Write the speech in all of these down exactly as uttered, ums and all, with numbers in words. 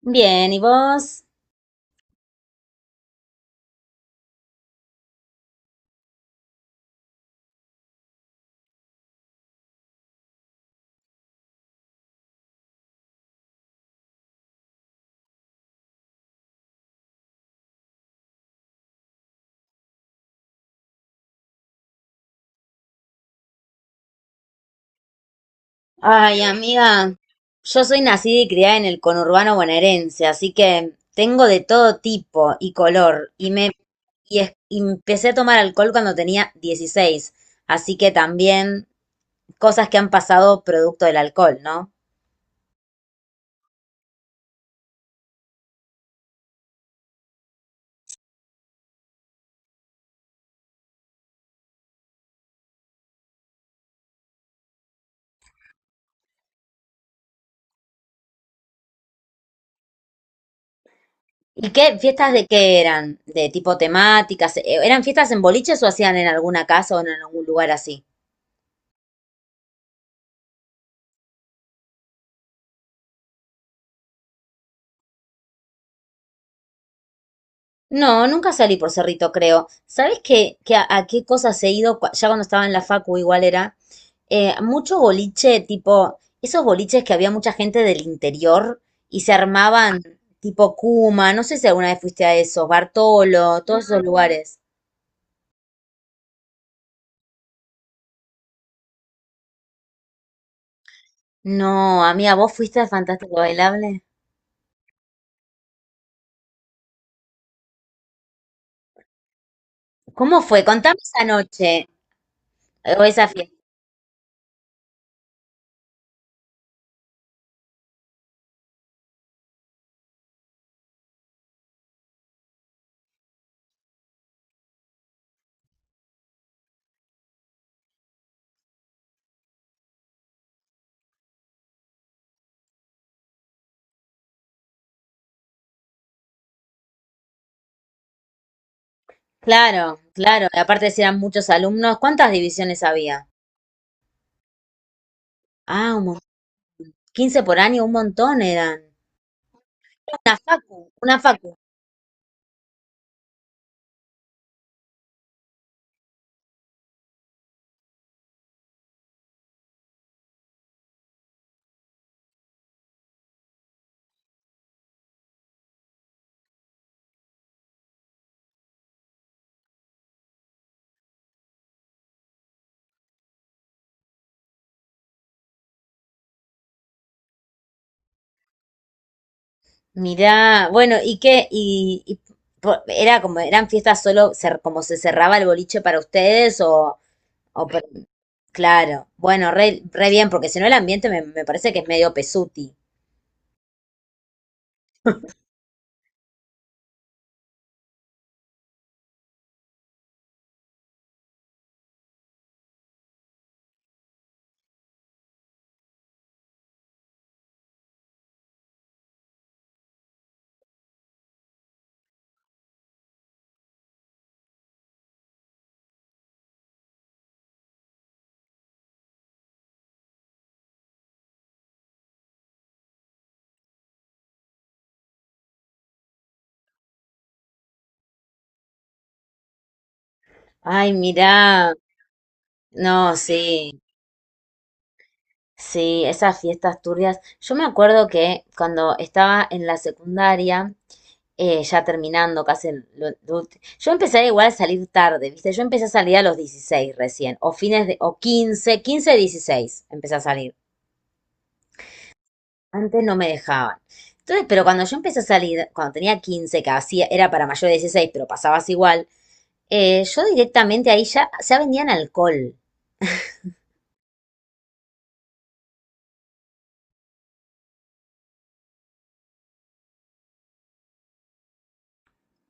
Bien, ¿y vos? Ay, amiga, yo soy nacida y criada en el conurbano bonaerense, así que tengo de todo tipo y color, y me y es- y empecé a tomar alcohol cuando tenía dieciséis, así que también cosas que han pasado producto del alcohol, ¿no? ¿Y qué fiestas de qué eran? ¿De tipo temáticas? Eh, ¿Eran fiestas en boliches o hacían en alguna casa o en algún lugar así? No, nunca salí por Cerrito, creo. ¿Sabés qué, qué- a, a qué cosas he ido? Cua- Ya cuando estaba en la facu igual era. Eh, mucho boliche, tipo, esos boliches que había mucha gente del interior y se armaban tipo Kuma, no sé si alguna vez fuiste a esos, Bartolo, todos esos lugares. No, amiga, ¿vos fuiste al Fantástico Bailable? ¿Cómo fue? Contame esa noche o esa fiesta. Claro, claro. Y aparte si eran muchos alumnos, ¿cuántas divisiones había? Ah, un mon- quince por año, un montón eran. Una facu, una facu. Mirá, bueno, ¿y qué? ¿Y, y po- era como, eran fiestas solo, cer- como se cerraba el boliche para ustedes o, o por- claro, bueno, re, re bien, porque si no el ambiente me, me parece que es medio pesuti. Ay, mirá, no, sí, sí, esas fiestas turbias. Yo me acuerdo que cuando estaba en la secundaria, eh, ya terminando casi. Lo- lo yo empecé igual a salir tarde, ¿viste? Yo empecé a salir a los dieciséis recién, o fines de, o quince quince dieciséis empecé a salir. Antes no me dejaban. Entonces, pero cuando yo empecé a salir, cuando tenía quince que hacía, era para mayor de dieciséis pero pasabas igual, eh, yo directamente ahí ya, ya vendían alcohol,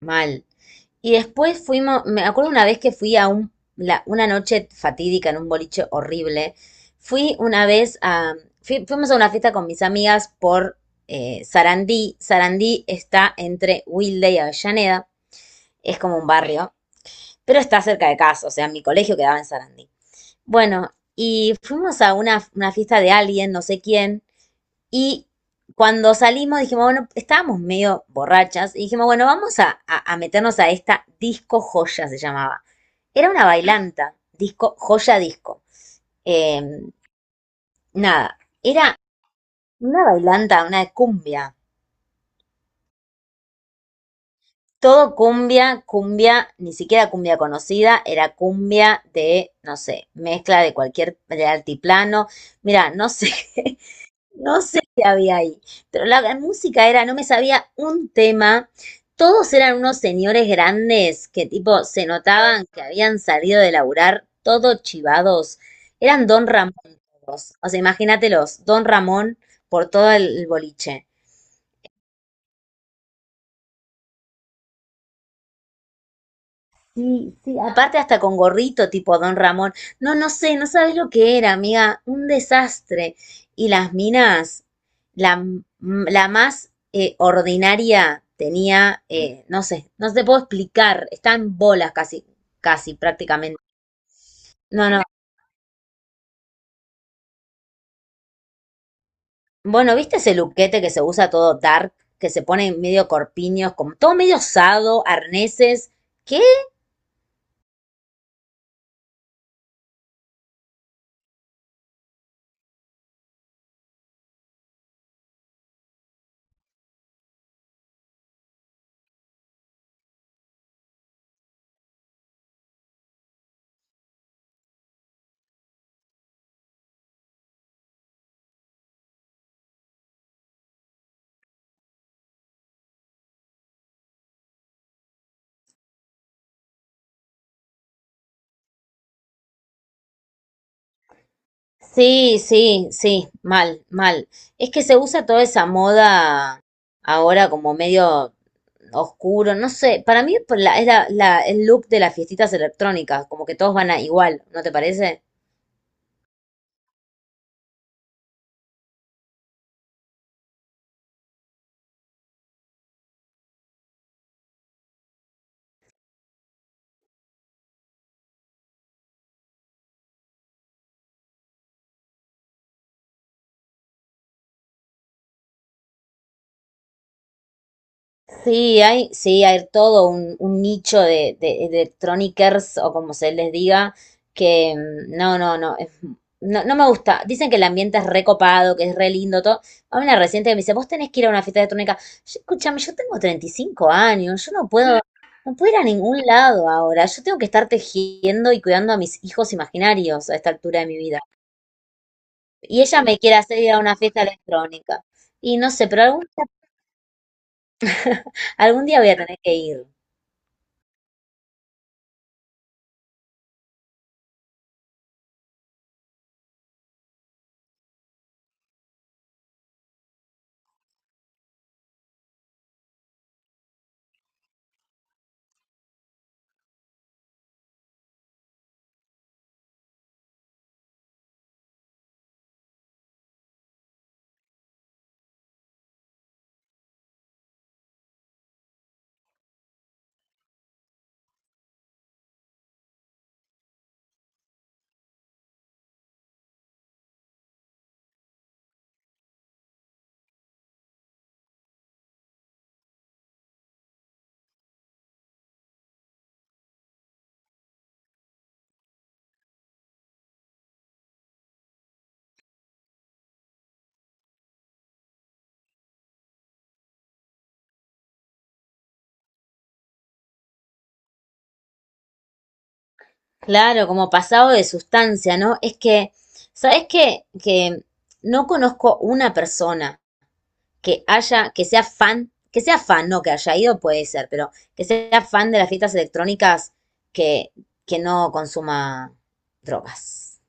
mal. Y después fuimos, me acuerdo una vez que fui a un, la- una noche fatídica en un boliche horrible. Fui una vez a, fui- fuimos a una fiesta con mis amigas por eh, Sarandí. Sarandí está entre Wilde y Avellaneda, es como un barrio, pero está cerca de casa, o sea, mi colegio quedaba en Sarandí. Bueno, y fuimos a una, una fiesta de alguien, no sé quién, y cuando salimos dijimos, bueno, estábamos medio borrachas y dijimos, bueno, vamos a, a- a meternos a esta disco joya, se llamaba. Era una bailanta, disco, joya disco. Eh, nada, era una bailanta, una cumbia. Todo cumbia, cumbia, ni siquiera cumbia conocida, era cumbia de, no sé, mezcla de cualquier, de altiplano. Mira, no sé, no sé qué había ahí, pero la, la música era, no me sabía un tema. Todos eran unos señores grandes que tipo se notaban que habían salido de laburar todos chivados. Eran Don Ramón todos. O sea, imagínatelos, Don Ramón por todo el, el boliche. Sí, sí, aparte hasta con gorrito tipo Don Ramón. No, no sé, no sabes lo que era, amiga, un desastre. Y las minas, la, m- la más eh, ordinaria tenía, eh, no sé, no te puedo explicar, está en bolas casi, casi prácticamente. No, no. Bueno, ¿viste ese luquete que se usa todo dark, que se pone medio corpiños, como todo medio osado, arneses? ¿Qué? Sí, sí, sí, mal, mal. Es que se usa toda esa moda ahora como medio oscuro, no sé, para mí por la- es la- la- el look de las fiestitas electrónicas, como que todos van a igual, ¿no te parece? Sí, hay, sí, hay todo un, un, nicho de, de electronicers o como se les diga, que mm, no, no, no, es- no, no me gusta. Dicen que el ambiente es recopado, que es re lindo, todo. A una reciente que me dice, vos tenés que ir a una fiesta electrónica. Yo, escúchame, yo tengo treinta y cinco años, yo no puedo, no puedo ir a ningún lado ahora. Yo tengo que estar tejiendo y cuidando a mis hijos imaginarios a esta altura de mi vida. Y ella me quiere hacer ir a una fiesta electrónica. Y no sé, pero algún, algún día voy a tener que ir. Claro, como pasado de sustancia, ¿no? Es que, ¿sabes qué? Que no conozco una persona que haya, que sea fan, que sea fan, no que haya ido, puede ser, pero que sea fan de las fiestas electrónicas que, que, no consuma drogas.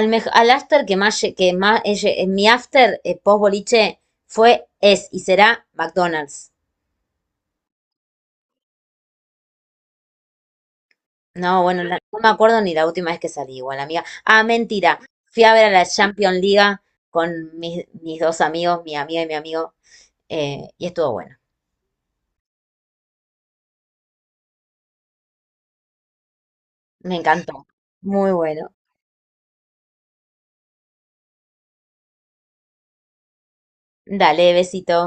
Al, mej- al after que más, lle- que más, eh, lle- en mi after eh, post boliche fue, es y será McDonald's. No, bueno, la- no me acuerdo ni la última vez que salí igual, amiga. Ah, mentira. Fui a ver a la Champions League con mis, mis dos amigos, mi amiga y mi amigo, eh, y estuvo bueno. Me encantó. Muy bueno. Dale, besito.